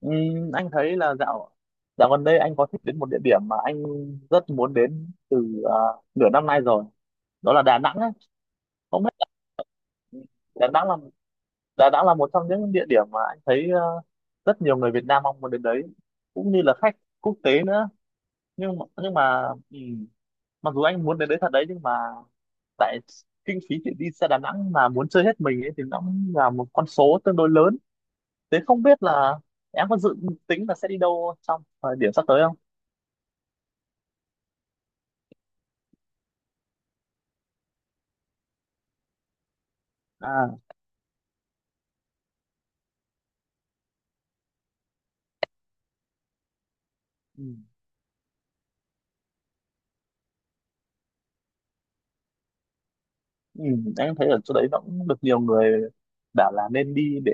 Anh thấy là dạo dạo gần đây anh có thích đến một địa điểm mà anh rất muốn đến từ nửa năm nay rồi, đó là Đà Nẵng ấy. Không biết là Đà Nẵng là một trong những địa điểm mà anh thấy rất nhiều người Việt Nam mong muốn đến đấy, cũng như là khách quốc tế nữa. Nhưng mà, mặc dù anh muốn đến đấy thật đấy, nhưng mà tại kinh phí để đi xe Đà Nẵng mà muốn chơi hết mình ấy thì nó cũng là một con số tương đối lớn. Thế không biết là em có dự tính là sẽ đi đâu trong thời điểm sắp tới? À, ừ. Ừ, anh thấy ở chỗ đấy nó cũng được nhiều người bảo là nên đi để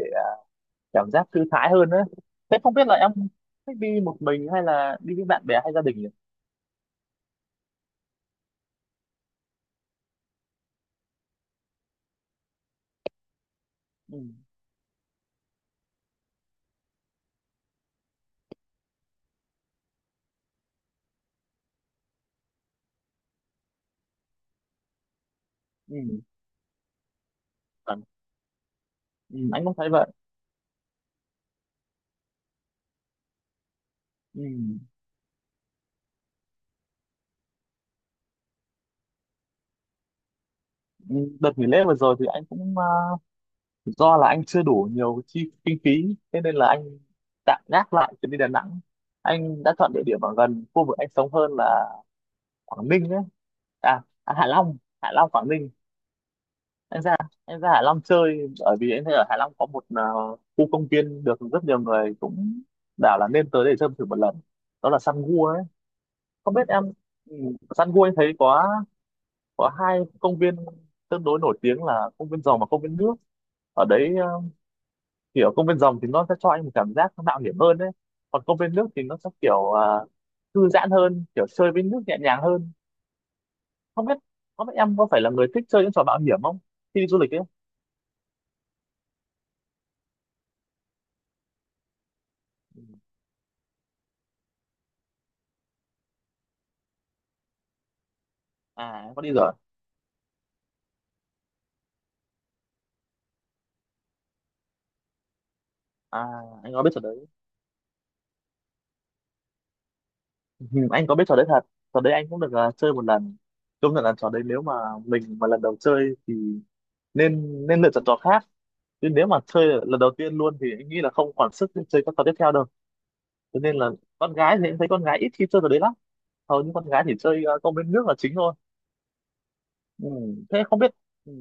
cảm giác thư thái hơn đấy. Thế không biết là em thích đi một mình hay là đi với bạn bè hay gia đình nhỉ? Ừ, ừ, vâng. Ừ, anh cũng thấy vậy. Ừ, ừ, đợt nghỉ lễ vừa rồi thì anh cũng do là anh chưa đủ nhiều chi kinh phí, thế nên là anh tạm gác lại chuyến đi Đà Nẵng. Anh đã chọn địa điểm ở gần khu vực anh sống hơn, là Quảng Ninh ấy. À, à Hạ Long, Hạ Long Quảng Ninh. Em ra em ra Hạ Long chơi bởi vì em thấy ở Hạ Long có một khu công viên được rất nhiều người cũng bảo là nên tới để chơi thử một lần, đó là Sun Gua ấy. Không biết em, ừ, Sun Gua em thấy có hai công viên tương đối nổi tiếng là công viên rồng và công viên nước ở đấy. Kiểu công viên rồng thì nó sẽ cho anh một cảm giác nó mạo hiểm hơn đấy, còn công viên nước thì nó sẽ kiểu thư giãn hơn, kiểu chơi với nước nhẹ nhàng hơn. Không biết không biết em có phải là người thích chơi những trò mạo hiểm không khi đi du lịch ấy. À, em có đi rồi. À, anh có biết trò đấy. Ừ, anh có biết trò đấy thật, trò đấy anh cũng được chơi một lần. Công nhận là trò đấy nếu mà mình mà lần đầu chơi thì nên nên lựa chọn trò khác, chứ nếu mà chơi lần đầu tiên luôn thì anh nghĩ là không còn sức để chơi các trò tiếp theo đâu. Cho nên là con gái thì em thấy con gái ít khi chơi trò đấy lắm, hầu như con gái chỉ chơi công viên nước là chính thôi. Ừ. Thế không biết, ừ.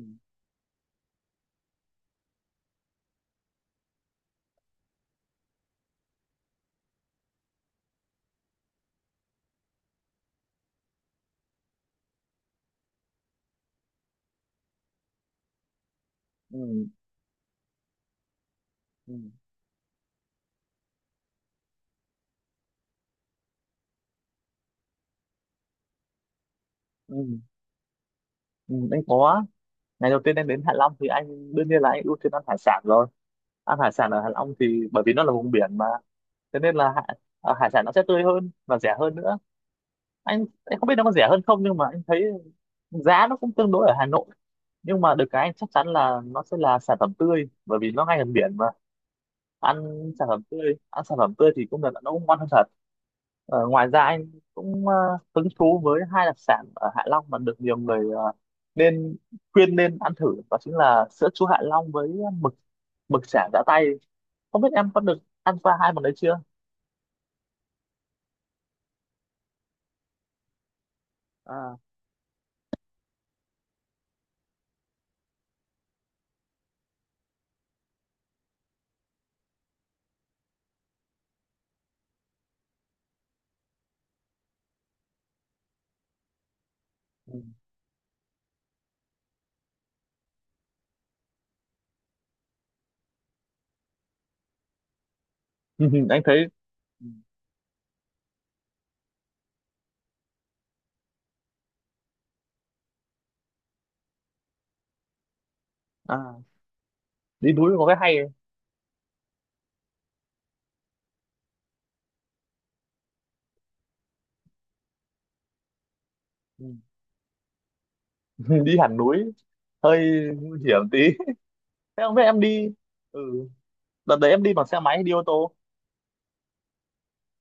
Ừ. Ừ. Ừ. Ừ. Anh có, ngày đầu tiên em đến Hạ Long thì anh đương nhiên là anh ưu tiên ăn hải sản rồi. Ăn hải sản ở Hạ Long thì bởi vì nó là vùng biển mà, thế nên là hải sản nó sẽ tươi hơn và rẻ hơn nữa. Anh không biết nó có rẻ hơn không, nhưng mà anh thấy giá nó cũng tương đối ở Hà Nội, nhưng mà được cái anh chắc chắn là nó sẽ là sản phẩm tươi bởi vì nó ngay gần biển mà. Ăn sản phẩm tươi thì cũng là nó cũng ngon hơn thật. Ờ, ngoài ra anh cũng hứng thú với hai đặc sản ở Hạ Long mà được nhiều người nên khuyên nên ăn thử, đó chính là sữa chua Hạ Long với mực mực chả giã tay. Không biết em có được ăn qua hai món đấy chưa. À, ừ. Anh thấy, à đi núi có cái hay ấy. Ừ. Đi hẳn núi hơi nguy hiểm tí. Thế không biết em đi, ừ đợt đấy em đi bằng xe máy hay đi ô tô?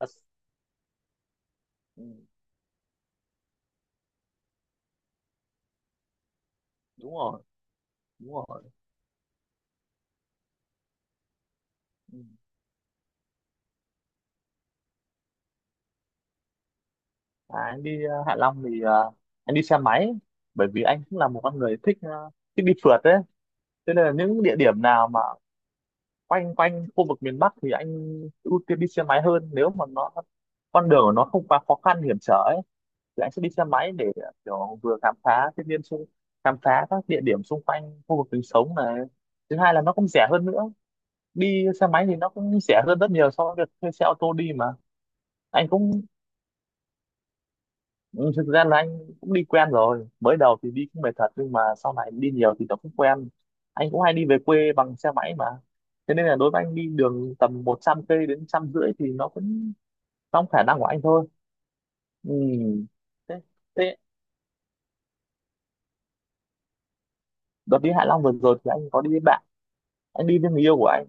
à, s- ừ, đúng rồi. Đúng rồi. Ừ. Anh đi Hạ Long thì anh đi xe máy, bởi vì anh cũng là một con người thích thích đi phượt đấy. Thế nên là những địa điểm nào mà quanh quanh khu vực miền Bắc thì anh ưu tiên đi xe máy hơn, nếu mà nó con đường của nó không quá khó khăn hiểm trở ấy thì anh sẽ đi xe máy để kiểu vừa khám phá thiên nhiên xung khám phá các địa điểm xung quanh khu vực mình sống này. Thứ hai là nó cũng rẻ hơn nữa, đi xe máy thì nó cũng rẻ hơn rất nhiều so với việc thuê xe ô tô đi mà. Anh cũng, ừ, thực ra là anh cũng đi quen rồi, mới đầu thì đi cũng mệt thật nhưng mà sau này đi nhiều thì nó cũng quen. Anh cũng hay đi về quê bằng xe máy mà, thế nên là đối với anh đi đường tầm 100 cây đến 150 thì nó cũng trong khả năng của anh thôi. Ừ. thế, thế đợt đi Hạ Long vừa rồi thì anh có đi với bạn, anh đi với người yêu của anh.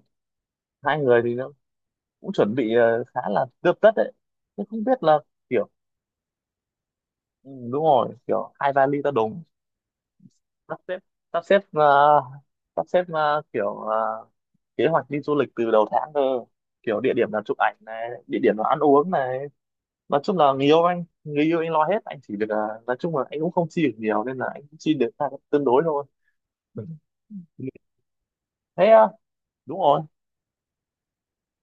Hai người thì nó cũng chuẩn bị khá là tươm tất đấy, nhưng không biết là kiểu, ừ, đúng rồi, kiểu hai vali to đùng. Sắp xếp sắp xếp ờ, sắp xếp ờ, kiểu ờ, kế hoạch đi du lịch từ đầu tháng cơ, kiểu địa điểm là chụp ảnh này, địa điểm là ăn uống này. Nói chung là người yêu anh lo hết, anh chỉ được nói chung là anh cũng không chi được nhiều nên là anh cũng chi được ra tương đối thôi. Ừ. Thế đúng rồi.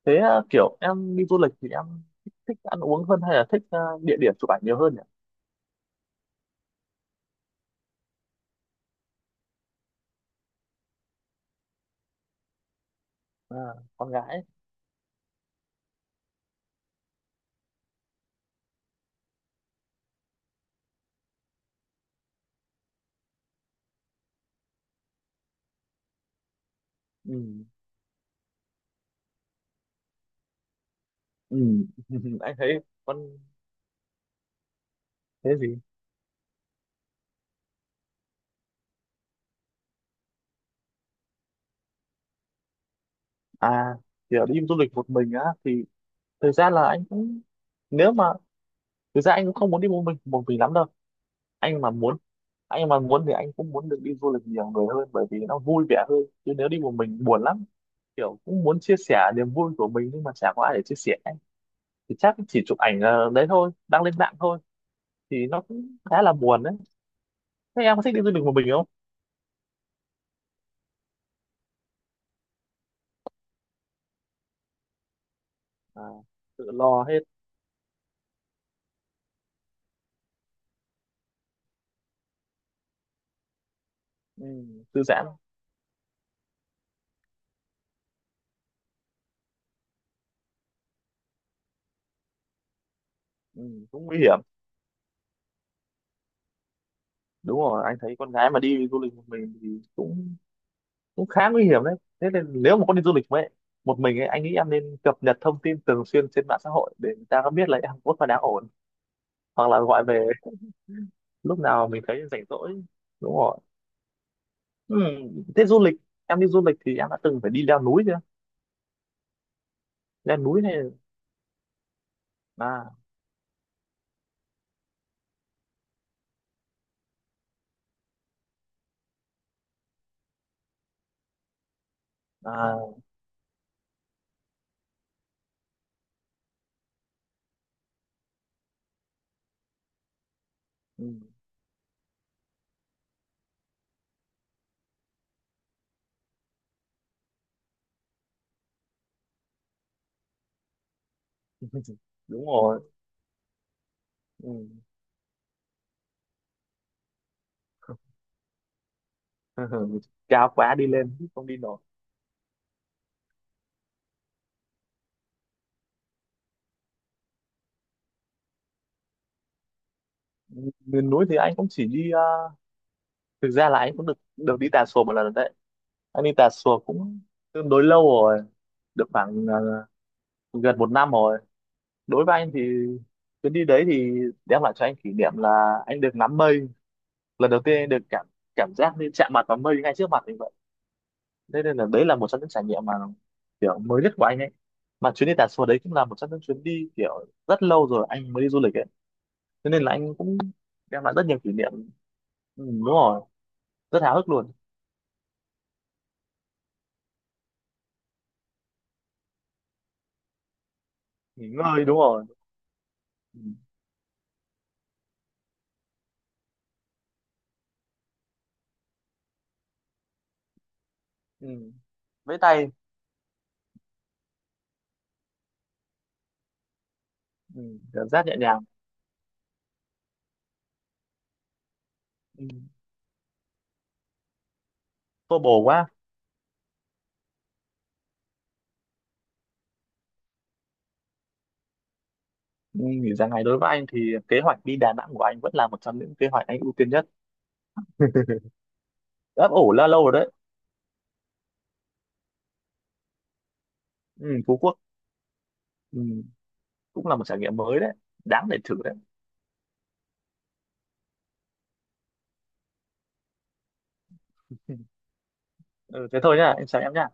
Thế kiểu em đi du lịch thì em thích ăn uống hơn hay là thích địa điểm chụp ảnh nhiều hơn nhỉ? À, con gái ấy. Ừ. Ừ. Anh thấy con, thế gì, à kiểu đi du lịch một mình á thì thời gian là anh cũng, nếu mà thực ra anh cũng không muốn đi một mình lắm đâu. Anh mà muốn anh mà muốn thì anh cũng muốn được đi du lịch nhiều người hơn bởi vì nó vui vẻ hơn, chứ nếu đi một mình buồn lắm. Kiểu cũng muốn chia sẻ niềm vui của mình nhưng mà chả có ai để chia sẻ ấy. Thì chắc chỉ chụp ảnh đấy thôi, đăng lên mạng thôi, thì nó cũng khá là buồn đấy. Thế em có thích đi du lịch một mình không? À, tự lo hết. Ừ, thư giãn. Ừ, cũng nguy hiểm. Đúng rồi, anh thấy con gái mà đi du lịch một mình thì cũng cũng khá nguy hiểm đấy. Thế nên nếu mà con đi du lịch với một mình ấy, anh nghĩ em nên cập nhật thông tin thường xuyên trên mạng xã hội để người ta có biết là em có phải đang ổn, hoặc là gọi về lúc nào mình thấy rảnh rỗi. Đúng rồi. Ừ. Thế du lịch, em đi du lịch thì em đã từng phải đi leo núi chưa? Leo núi này. À. À. Ừ. Đúng rồi. Ừ. Cao quá đi lên không đi nổi. Miền núi thì anh cũng chỉ đi thực ra là anh cũng được được đi Tà Xùa một lần rồi đấy. Anh đi Tà Xùa cũng tương đối lâu rồi, được khoảng gần 1 năm rồi. Đối với anh thì chuyến đi đấy thì đem lại cho anh kỷ niệm là anh được ngắm mây, lần đầu tiên anh được cảm cảm giác như chạm mặt vào mây ngay trước mặt mình vậy. Thế nên là đấy là một trong những trải nghiệm mà kiểu mới nhất của anh ấy, mà chuyến đi Tà Xùa đấy cũng là một trong những chuyến đi kiểu rất lâu rồi anh mới đi du lịch ấy. Thế nên là anh cũng đem lại rất nhiều kỷ niệm. Ừ, đúng rồi, rất háo hức luôn. Nghỉ ngơi, đúng rồi. Ừ. Ừ. Với tay. Ừ. Cảm giác nhẹ nhàng. Ừ. Vô bổ quá. Ừ. Nghỉ dài ngày đối với anh thì kế hoạch đi Đà Nẵng của anh vẫn là một trong những kế hoạch anh ưu tiên nhất, ấp ủ là lâu rồi đấy. Ừ. Phú Quốc. Ừ, cũng là một trải nghiệm mới đấy, đáng để thử đấy. Ừ. Ừ, thế thôi nhá, em chào em nhá.